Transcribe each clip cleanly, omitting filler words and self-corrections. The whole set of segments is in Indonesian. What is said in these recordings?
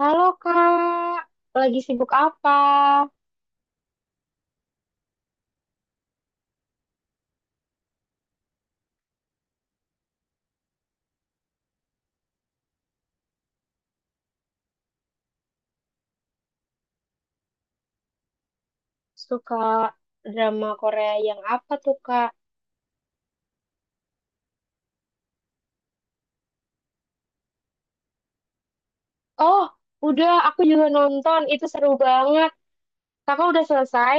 Halo Kak, lagi sibuk apa? Suka drama Korea yang apa tuh Kak? Oh, udah aku juga nonton, itu seru banget. Kakak udah selesai?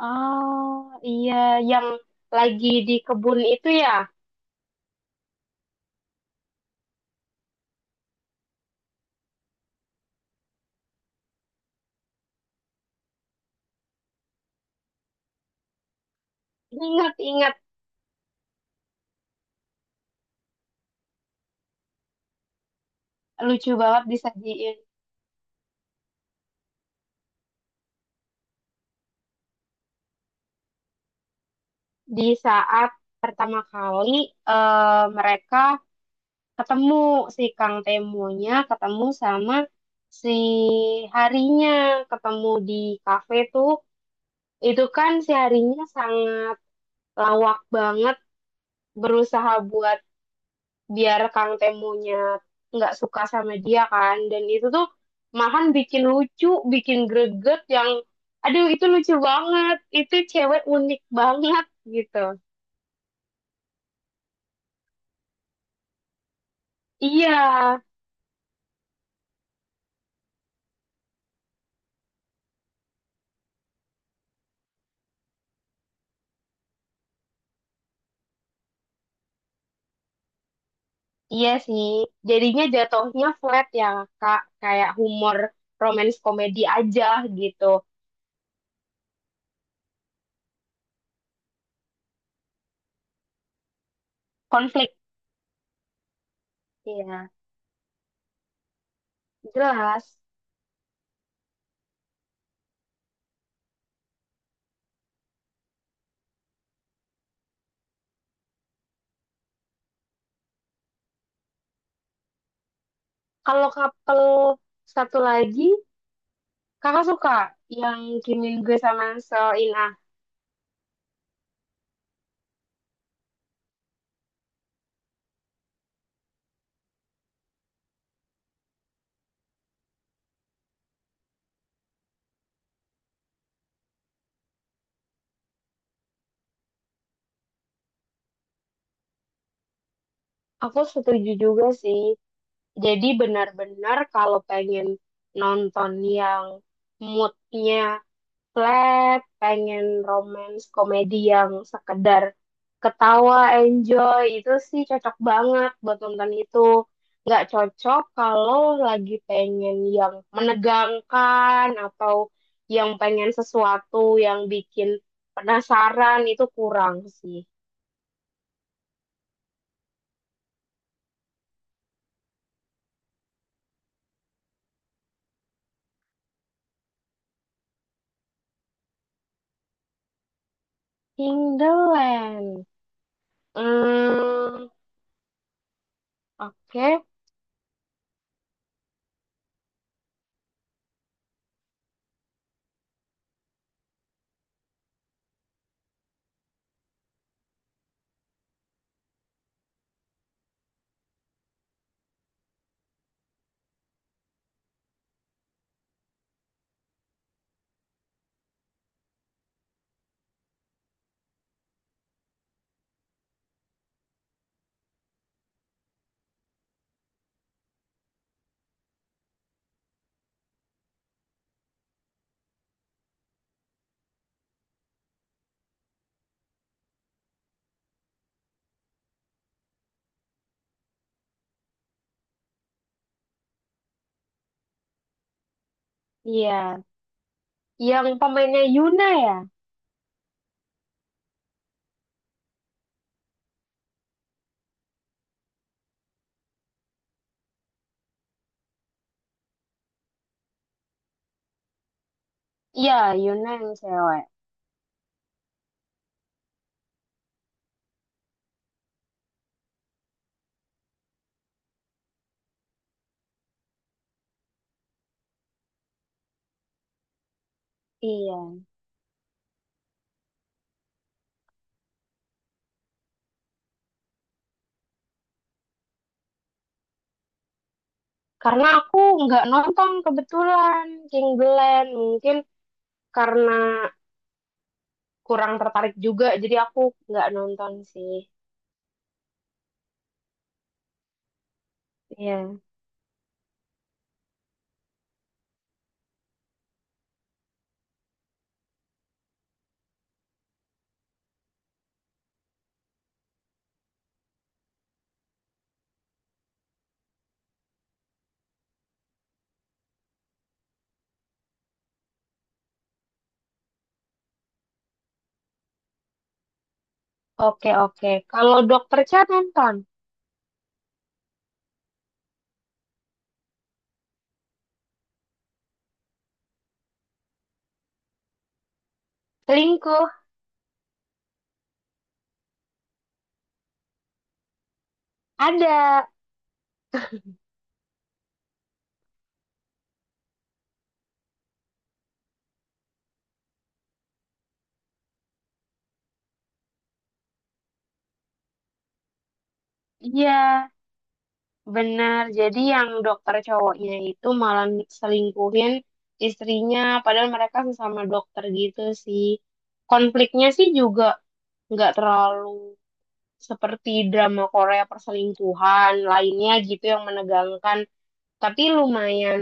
Oh, iya, yang lagi di kebun itu ya. Ingat-ingat, lucu banget disajiin. Di saat pertama kali mereka ketemu si Kang Temonya, ketemu sama si harinya, ketemu di kafe tuh. Itu kan seharinya sangat lawak banget, berusaha buat biar Kang Temonya nggak suka sama dia kan, dan itu tuh makan bikin lucu, bikin greget yang aduh itu lucu banget. Itu cewek unik banget gitu. Iya, iya sih, jadinya jatuhnya flat ya kak, kayak humor romance komedi aja gitu. Konflik. Iya. Jelas. Kalau couple satu lagi, Kakak suka yang Kim Min Gue sama Seo In Ah. Aku setuju juga sih. Jadi benar-benar kalau pengen nonton yang moodnya flat, pengen romance komedi yang sekedar ketawa, enjoy, itu sih cocok banget buat nonton itu. Nggak cocok kalau lagi pengen yang menegangkan atau yang pengen sesuatu yang bikin penasaran itu kurang sih. In the Land. Hmm, oke. Iya. Yang pemainnya Yuna ya? Iya, Yuna yang cewek. Iya. Karena aku nggak nonton kebetulan King the Land. Mungkin karena kurang tertarik juga, jadi aku nggak nonton sih. Iya. Oke, oke. Kalau Dokter Cha nonton. Selingkuh. Ada. Iya. Benar, jadi yang dokter cowoknya itu malah selingkuhin istrinya, padahal mereka sesama dokter gitu sih. Konfliknya sih juga nggak terlalu seperti drama Korea perselingkuhan lainnya gitu yang menegangkan, tapi lumayan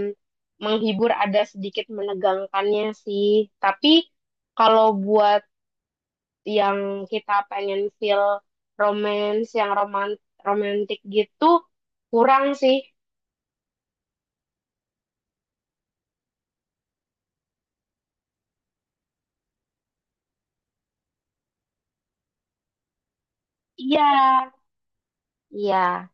menghibur, ada sedikit menegangkannya sih. Tapi kalau buat yang kita pengen feel romance, yang roman romantik gitu, kurang sih. Iya, iya.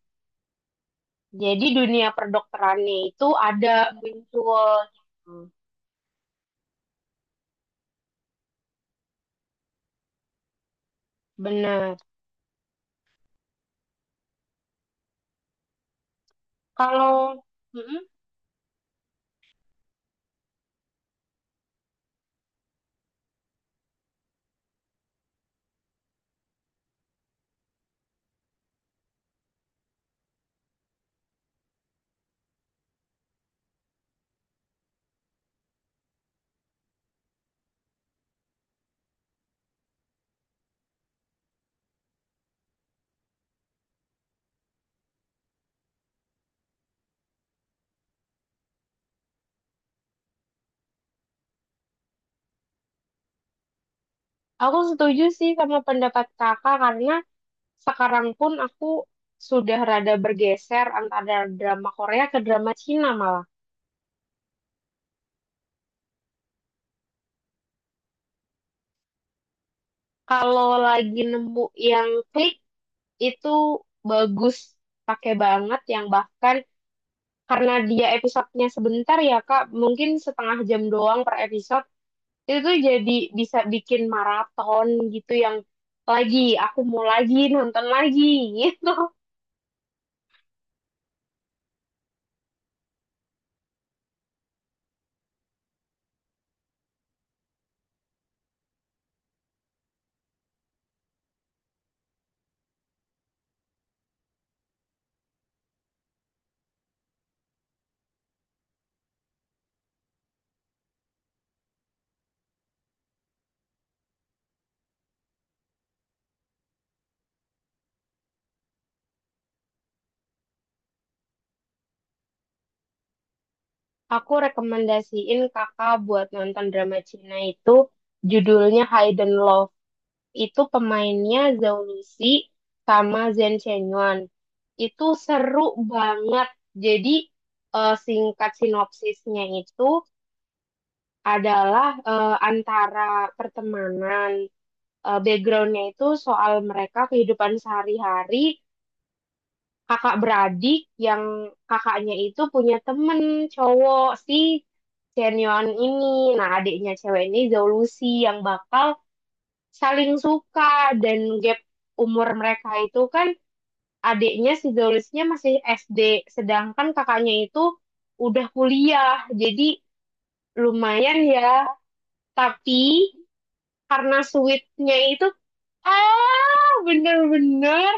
Jadi dunia perdokterannya itu ada muncul. Gitu. Benar. Kalau. Mm-mm. Aku setuju sih sama pendapat kakak karena sekarang pun aku sudah rada bergeser antara drama Korea ke drama Cina malah. Kalau lagi nemu yang klik itu bagus, pakai banget yang bahkan karena dia episodenya sebentar ya Kak, mungkin setengah jam doang per episode itu tuh jadi bisa bikin maraton gitu yang lagi aku mau lagi nonton lagi gitu. Aku rekomendasiin kakak buat nonton drama Cina itu judulnya Hidden Love, itu pemainnya Zhao Lusi sama Zhen Chenyuan, itu seru banget. Jadi singkat sinopsisnya itu adalah antara pertemanan, backgroundnya itu soal mereka kehidupan sehari-hari kakak beradik yang kakaknya itu punya temen cowok si Chenion ini. Nah, adiknya cewek ini Zhao Lucy yang bakal saling suka, dan gap umur mereka itu kan adiknya si Zhao Lucy-nya masih SD, sedangkan kakaknya itu udah kuliah. Jadi lumayan ya. Tapi karena sweetnya itu bener-bener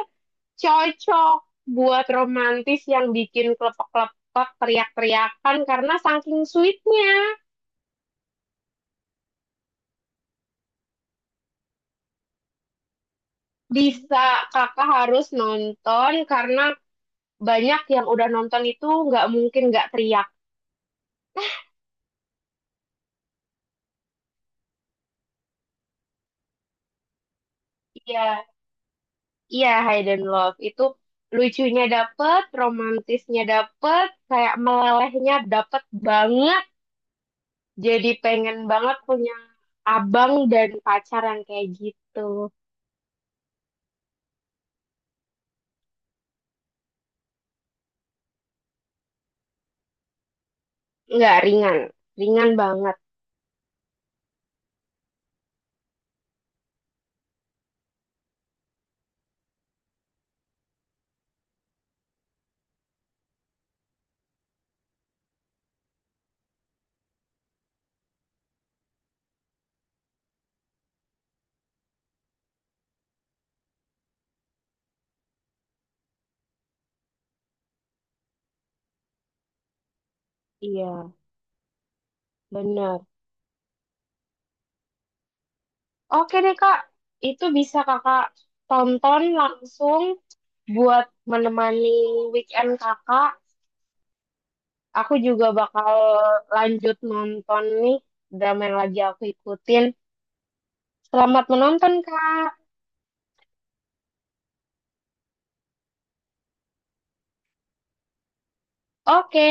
cocok buat romantis yang bikin klepek-klepek teriak-teriakan karena saking sweetnya bisa. Kakak harus nonton karena banyak yang udah nonton itu nggak mungkin nggak teriak. Iya, iya, Hidden Love itu lucunya dapet, romantisnya dapet, kayak melelehnya dapet banget. Jadi pengen banget punya abang dan pacar yang kayak gitu. Nggak ringan, ringan banget. Iya, bener. Oke deh kak, itu bisa kakak tonton langsung buat menemani weekend kakak. Aku juga bakal lanjut nonton nih drama yang lagi aku ikutin. Selamat menonton kak. Oke.